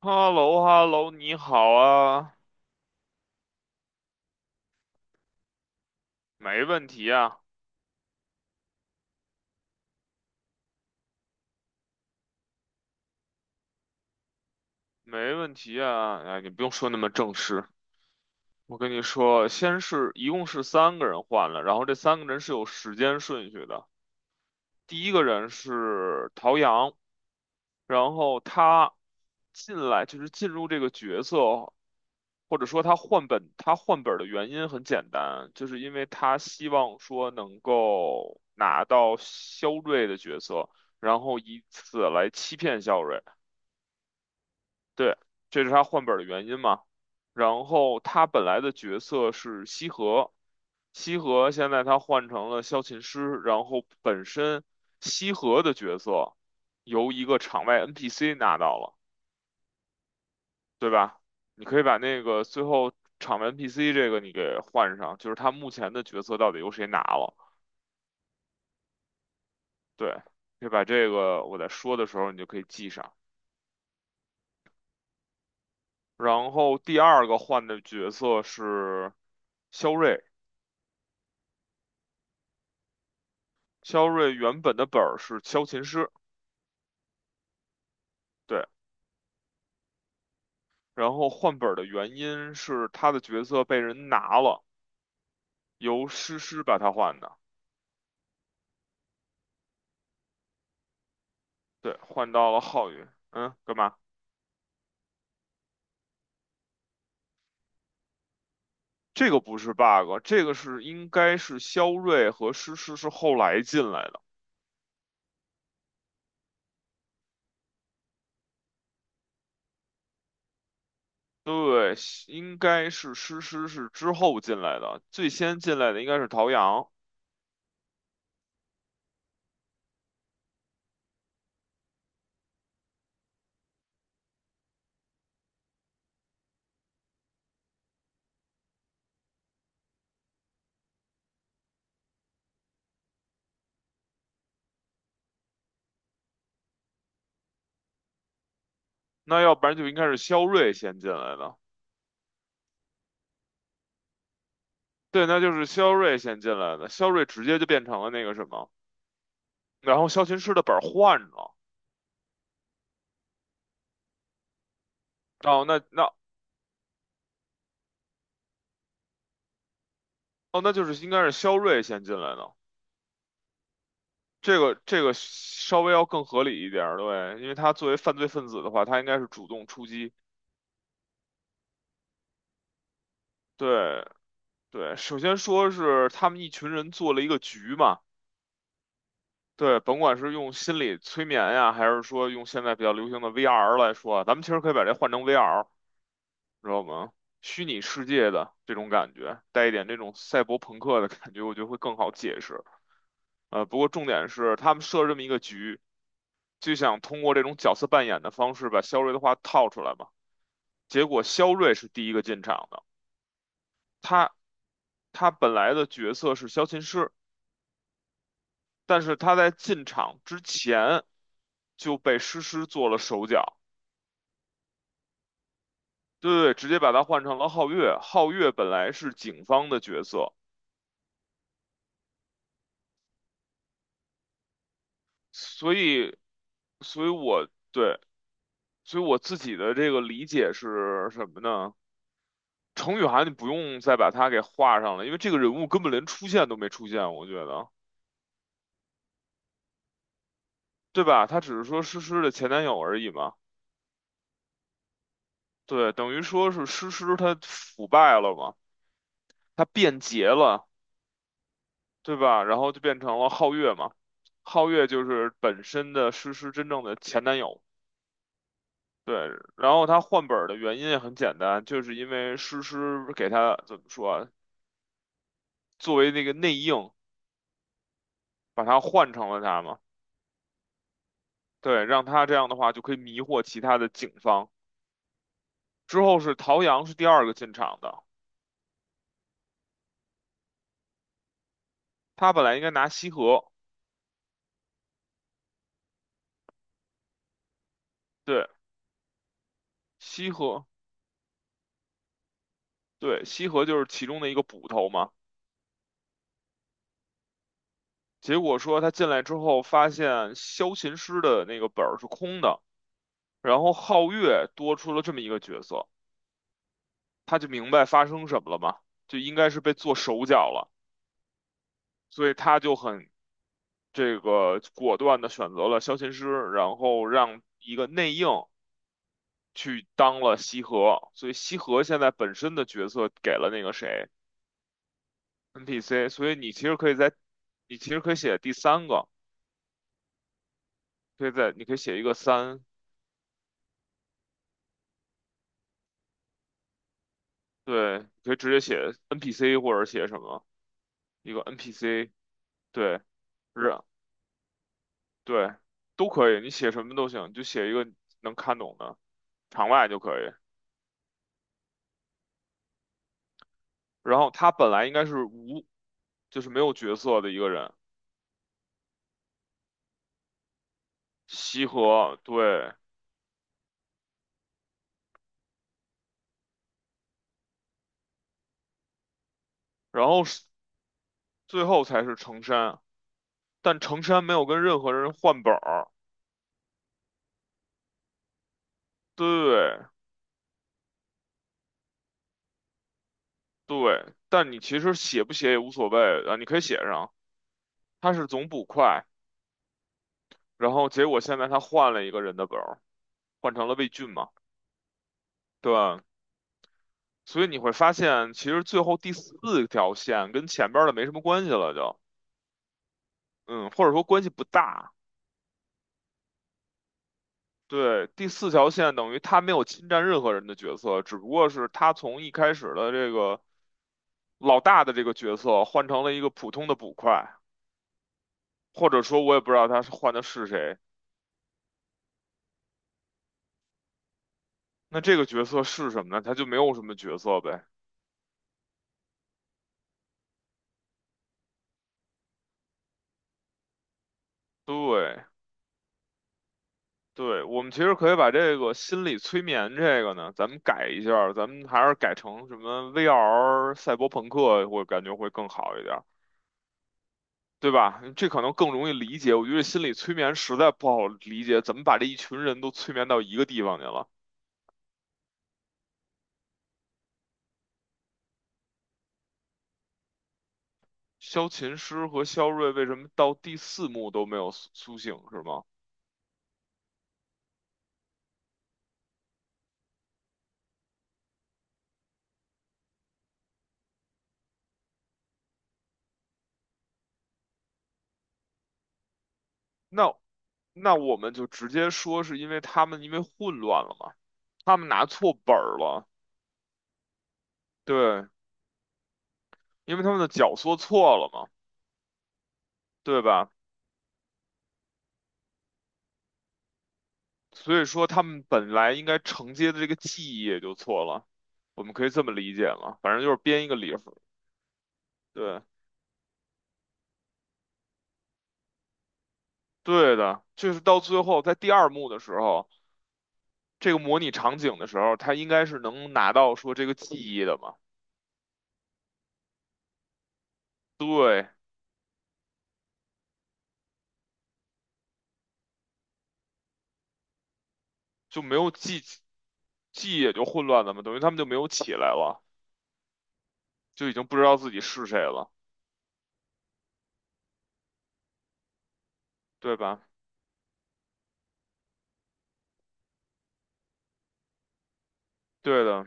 h e l l o h e l l o 你好啊。没问题啊，没问题啊，哎，你不用说那么正式。我跟你说，一共是三个人换了，然后这三个人是有时间顺序的。第一个人是陶阳，然后他进来就是进入这个角色，或者说他换本的原因很简单，就是因为他希望说能够拿到肖瑞的角色，然后以此来欺骗肖瑞。对，这是他换本儿的原因嘛。然后他本来的角色是西河，西河现在他换成了萧琴师，然后本身西河的角色由一个场外 NPC 拿到了，对吧？你可以把那个最后场外 NPC 这个你给换上，就是他目前的角色到底由谁拿了？对，可以把这个我在说的时候你就可以记上。然后第二个换的角色是肖瑞。肖瑞原本的本儿是萧琴师，对，然后换本儿的原因是他的角色被人拿了，由诗诗把他换的，对，换到了浩宇。嗯，干嘛？这个不是 bug，应该是肖瑞和诗诗是后来进来的，对，应该是诗诗是之后进来的，最先进来的应该是陶阳，那要不然就应该是肖瑞先进来的，对，那就是肖瑞先进来的，肖瑞直接就变成了那个什么。然后肖琴师的本换了，哦，那就是应该是肖瑞先进来的，这个稍微要更合理一点儿，对，因为他作为犯罪分子的话，他应该是主动出击，对对，首先说是他们一群人做了一个局嘛，对，甭管是用心理催眠呀，还是说用现在比较流行的 VR 来说啊，咱们其实可以把这换成 VR，知道吗？虚拟世界的这种感觉，带一点这种赛博朋克的感觉，我觉得会更好解释。不过重点是他们设这么一个局，就想通过这种角色扮演的方式把肖瑞的话套出来嘛。结果肖瑞是第一个进场的，他他本来的角色是萧琴师，但是他在进场之前就被诗诗做了手脚，对，直接把他换成了皓月。皓月本来是警方的角色。所以，所以我对，所以我自己的这个理解是什么呢？程雨涵，你不用再把他给画上了，因为这个人物根本连出现都没出现，我觉得，对吧？他只是说诗诗的前男友而已嘛，对，等于说是诗诗他腐败了嘛，他变节了，对吧？然后就变成了皓月嘛，皓月就是本身的诗诗真正的前男友。对，然后他换本儿的原因也很简单，就是因为诗诗给他怎么说啊？作为那个内应，把他换成了他嘛。对，让他这样的话就可以迷惑其他的警方。之后是陶阳是第二个进场的，他本来应该拿西河，对，西河，对，西河就是其中的一个捕头嘛。结果说他进来之后，发现萧琴师的那个本儿是空的，然后皓月多出了这么一个角色，他就明白发生什么了嘛，就应该是被做手脚了，所以他就很这个果断的选择了萧琴师，然后让一个内应去当了西河，所以西河现在本身的角色给了那个谁 NPC，所以你其实可以写第三个，可以在你可以写一个三，对，你可以直接写 NPC 或者写什么一个 NPC，对，是，对，都可以，你写什么都行，你就写一个能看懂的场外就可以。然后他本来应该是无，就是没有角色的一个人。西河，对，然后是最后才是成山，但成山没有跟任何人换本儿，对对，但你其实写不写也无所谓啊，你可以写上，他是总捕快，然后结果现在他换了一个人的本儿，换成了魏俊嘛，对，所以你会发现其实最后第四条线跟前边儿的没什么关系了就，嗯，或者说关系不大。对，第四条线等于他没有侵占任何人的角色，只不过是他从一开始的这个老大的这个角色换成了一个普通的捕快，或者说我也不知道他是换的是谁。那这个角色是什么呢？他就没有什么角色呗。对，对，我们其实可以把这个心理催眠这个呢，咱们改一下儿咱们还是改成什么 VR 赛博朋克，我感觉会更好一点。对吧？这可能更容易理解。我觉得心理催眠实在不好理解，怎么把这一群人都催眠到一个地方去了？萧琴师和萧睿为什么到第四幕都没有苏醒，是吗？那那我们就直接说是因为他们因为混乱了嘛，他们拿错本儿了，对，因为他们的脚说错了嘛，对吧？所以说他们本来应该承接的这个记忆也就错了，我们可以这么理解嘛，反正就是编一个理儿，对。对的，就是到最后在第二幕的时候，这个模拟场景的时候，他应该是能拿到说这个记忆的嘛？对，就没有记，记忆也就混乱了嘛，等于他们就没有起来了，就已经不知道自己是谁了，对吧？对的，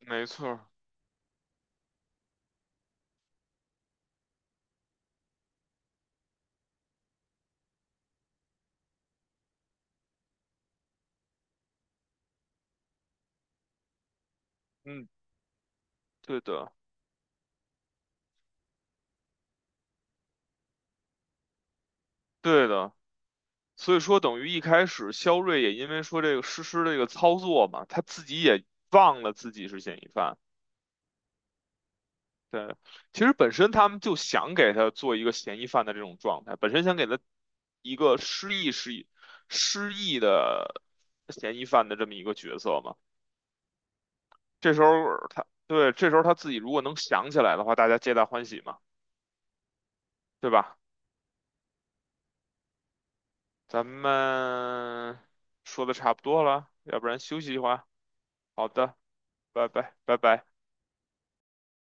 没错儿嗯，对的，对的。所以说，等于一开始肖瑞也因为说这个实施这个操作嘛，他自己也忘了自己是嫌疑犯。对，其实本身他们就想给他做一个嫌疑犯的这种状态，本身想给他一个失忆的嫌疑犯的这么一个角色嘛。这时候他自己如果能想起来的话，大家皆大欢喜嘛，对吧？咱们说的差不多了，要不然休息一会儿啊。好的，拜拜，拜拜。